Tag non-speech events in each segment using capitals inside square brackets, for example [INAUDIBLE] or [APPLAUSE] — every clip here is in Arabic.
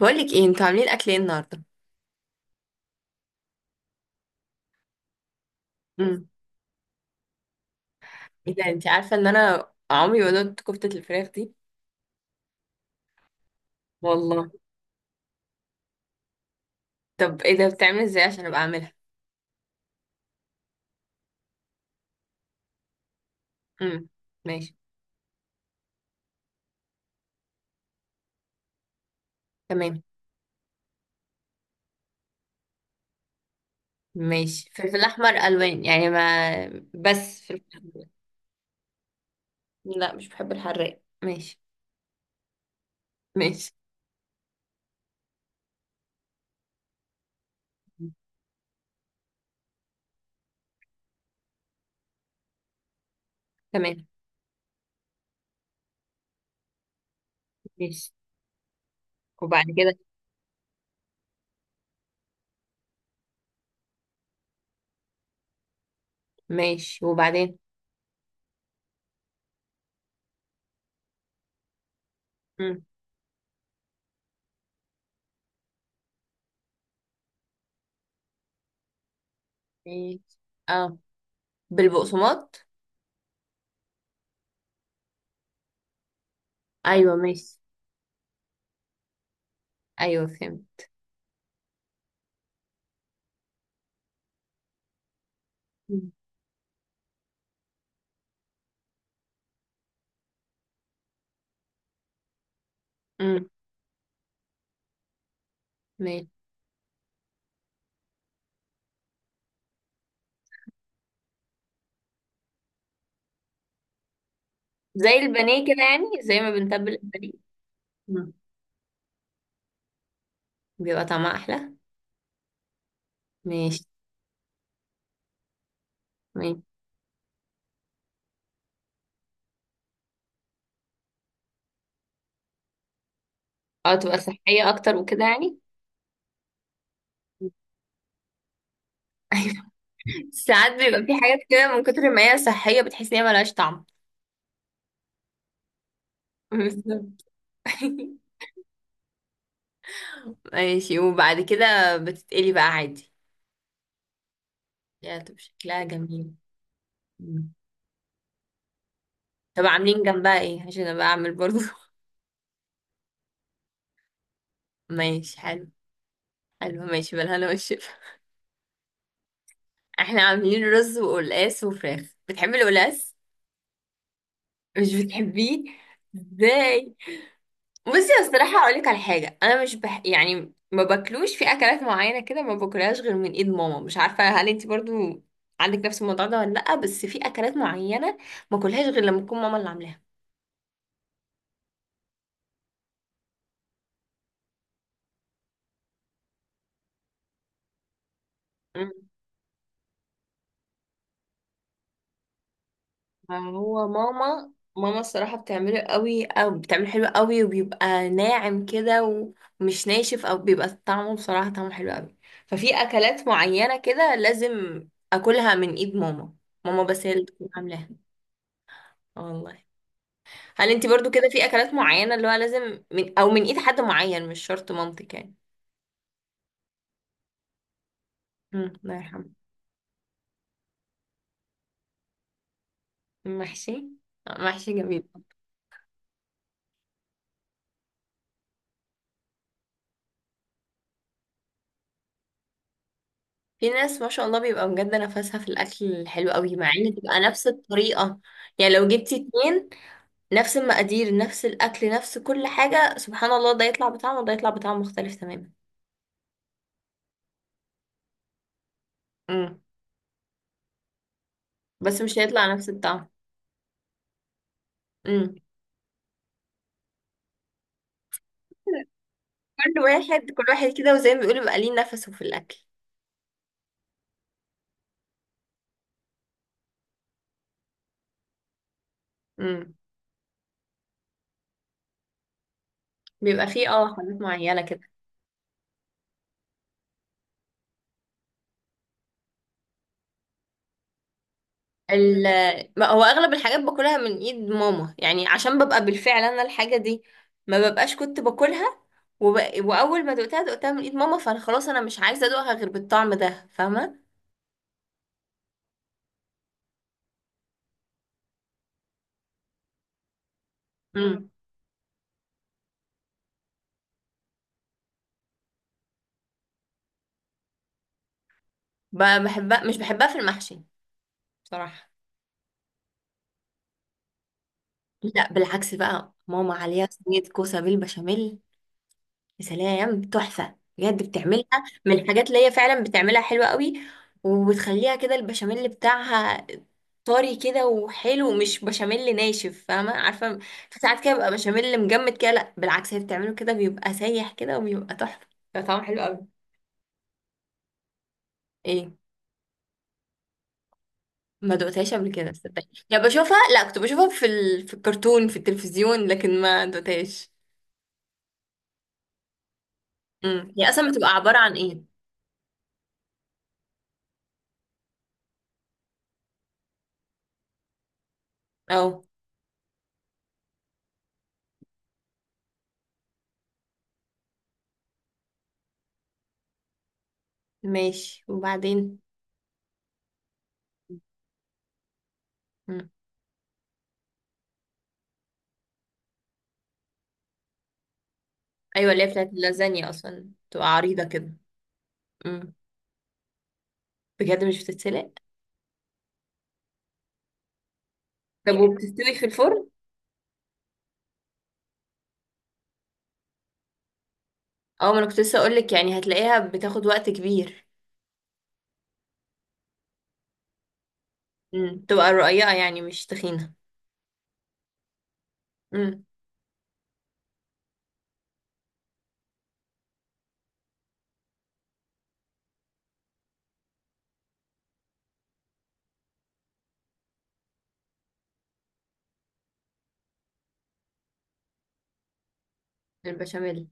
بقولك ايه انتوا عاملين اكل ايه النهارده؟ امم ايه ده، انت عارفه ان انا عمري ما دقت كفته الفراخ دي. والله. طب ايه ده؟ بتعمل ازاي عشان ابقى اعملها؟ امم ماشي. تمام. ماشي، فلفل احمر الوان يعني ما. بس فلفل أحمر. لا مش بحب الحراق، ماشي. ماشي. تمام. ماشي. وبعد كده؟ ماشي. وبعدين؟ امم ماشي. اه، بالبقسماط. ايوه ماشي. ايوه فهمت. امم ماشي. زي البانيه كده يعني، زي ما بنتبل البانيه. مم. بيبقى طعمها احلى. ماشي. ماشي. اه تبقى صحية اكتر وكده يعني. ايوه. [LAUGHS] ساعات بيبقى في حاجات كده من كتر ما هي صحية بتحس ان هي ملهاش طعم. بالظبط. [LAUGHS] ماشي. وبعد كده بتتقلي بقى عادي؟ يا طب شكلها جميل. مم. طب عاملين جنبها ايه عشان ابقى اعمل برضو؟ [LAUGHS] ماشي حلو. حلو ماشي، بالهنا والشفا. احنا عاملين رز وقلقاس وفراخ، بتحبي القلقاس؟ مش بتحبيه؟ ازاي؟ بصي الصراحة أقولك على حاجة، أنا مش بح... يعني ما باكلوش في أكلات معينة كده، ما باكلهاش غير من إيد ماما، مش عارفة هل انتي برضو عندك نفس الموضوع ده ولا لأ. بس في أكلات معينة ما باكلهاش غير لما تكون ماما اللي عاملاها. مم. هو ماما الصراحة بتعمله قوي، أو بتعمله حلو قوي وبيبقى ناعم كده ومش ناشف، أو بيبقى طعمه بصراحة طعمه حلو قوي. ففي أكلات معينة كده لازم أكلها من إيد ماما. ماما بس هي اللي بتكون عاملاها. والله. هل انت برضو كده في اكلات معينة اللي هو لازم من او من ايد حد معين، مش شرط مامتك يعني؟ الله يرحمه. محشي. آه، محشي جميل. في ناس ما شاء الله بيبقى بجد نفسها في الاكل الحلو قوي، مع ان تبقى نفس الطريقة. يعني لو جبتي اتنين نفس المقادير، نفس الاكل، نفس كل حاجة، سبحان الله، ده يطلع بطعم وده يطلع بطعم مختلف تماما. امم بس مش هيطلع نفس الطعم. امم كل واحد كده، وزي ما بيقولوا بيبقى ليه نفسه في الاكل. امم بيبقى فيه اه حاجات معينة كده. ال ما هو اغلب الحاجات باكلها من ايد ماما يعني، عشان ببقى بالفعل انا الحاجه دي ما ببقاش كنت باكلها، وب... واول ما دقتها من ايد ماما، فانا خلاص انا مش عايزه ادوقها غير بالطعم ده، فاهمه؟ امم بحبها، مش بحبها في المحشي بصراحه. لا بالعكس، بقى ماما عليها صينيه كوسه بالبشاميل، يا سلام تحفة بجد بتعملها. من الحاجات اللي هي فعلا بتعملها حلوة قوي، وبتخليها كده البشاميل بتاعها طري كده وحلو، مش بشاميل ناشف، فاهمة؟ عارفة في ساعات كده بيبقى بشاميل مجمد كده، لا بالعكس هي بتعمله كده بيبقى سايح كده وبيبقى تحفة، بيبقى طعمه حلو قوي. ايه؟ ما دقتهاش قبل كده صدقني، يا بشوفها لا كنت بشوفها في الكرتون في التلفزيون، لكن ما دقتهاش. هي اصلا بتبقى عبارة عن ايه؟ اه ماشي وبعدين؟ ايوه اللي هي بتاعت اللازانيا، اصلا تبقى عريضه كده. امم بجد مش بتتسلق؟ طب وبتستوي في الفرن؟ اه ما انا كنت لسه اقول لك، يعني هتلاقيها بتاخد وقت كبير. تبقى رقيقه يعني، مش تخينه. امم البشاميل.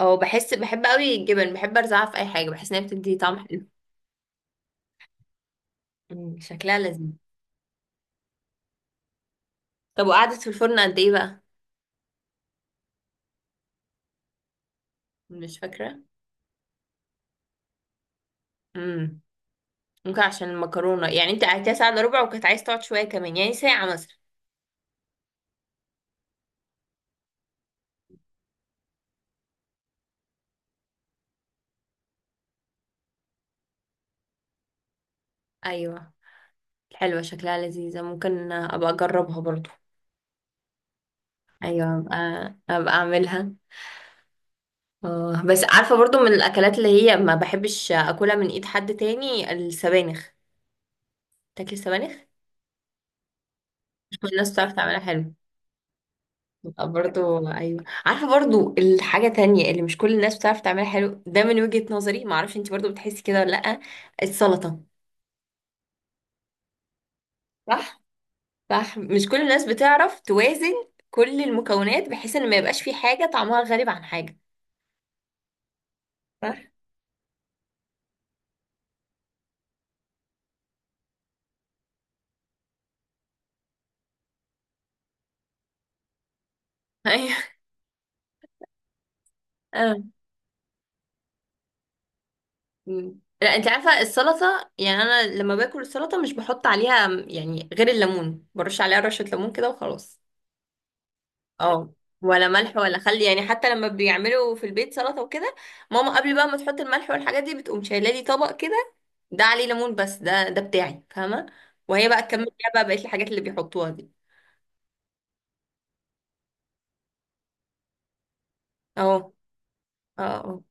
اه بحس، بحب قوي الجبن، بحب ارزعها في اي حاجه، بحس انها بتدي طعم حلو. شكلها لذيذ. طب وقعدت في الفرن قد ايه بقى؟ مش فاكره. امم ممكن عشان المكرونه يعني، انت قعدتيها ساعه الا ربع وكانت عايز تقعد شويه كمان، يعني ساعه مثلا. ايوه. حلوة شكلها لذيذة، ممكن أبقى أجربها برضو. أيوة أبقى أعملها. آه، بس عارفة برضو من الأكلات اللي هي ما بحبش أكلها من إيد حد تاني، السبانخ. تاكلي السبانخ؟ مش كل الناس بتعرف تعملها حلو. بتبقى برضو. أيوة عارفة برضو الحاجة تانية اللي مش كل الناس بتعرف تعملها حلو، ده من وجهة نظري، معرفش انتي برضو بتحسي كده ولا لأ. السلطة. صح؟ صح مش كل الناس بتعرف توازن كل المكونات، بحيث ان ما يبقاش في حاجة طعمها غريب عن حاجة. صح؟ [LAUGHS] أيوة. مم. لا انت عارفه السلطه يعني انا لما باكل السلطه مش بحط عليها يعني غير الليمون، برش عليها رشه ليمون كده وخلاص. اه ولا ملح ولا خل. يعني حتى لما بيعملوا في البيت سلطه وكده، ماما قبل بقى ما تحط الملح والحاجات دي بتقوم شايله لي طبق كده، ده عليه ليمون بس، ده بتاعي، فاهمه؟ وهي بقى تكمل فيها بقى بقيه الحاجات اللي بيحطوها دي. اهو. اه اه.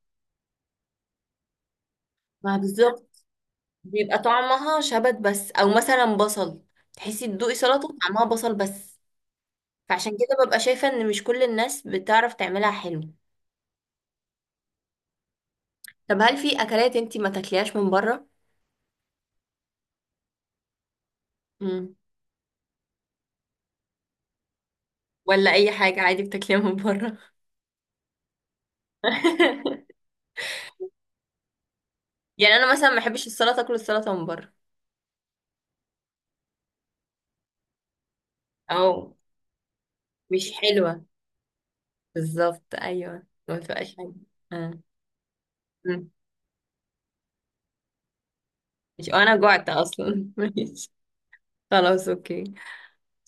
ما بالظبط، بيبقى طعمها شبت بس، او مثلا بصل، تحسي تدوقي سلطه طعمها بصل بس. فعشان كده ببقى شايفة ان مش كل الناس بتعرف تعملها حلو. طب هل في اكلات انتي ما تاكليهاش من بره؟ مم. ولا اي حاجة عادي بتاكليها من بره؟ [LAUGHS] يعني انا مثلا ما بحبش السلطة، اكل السلطة من بره. او مش حلوة. بالظبط ايوه، ما تبقاش حلوة. آه. مم. مش انا جوعت اصلا. [LAUGHS] ماشي، خلاص اوكي.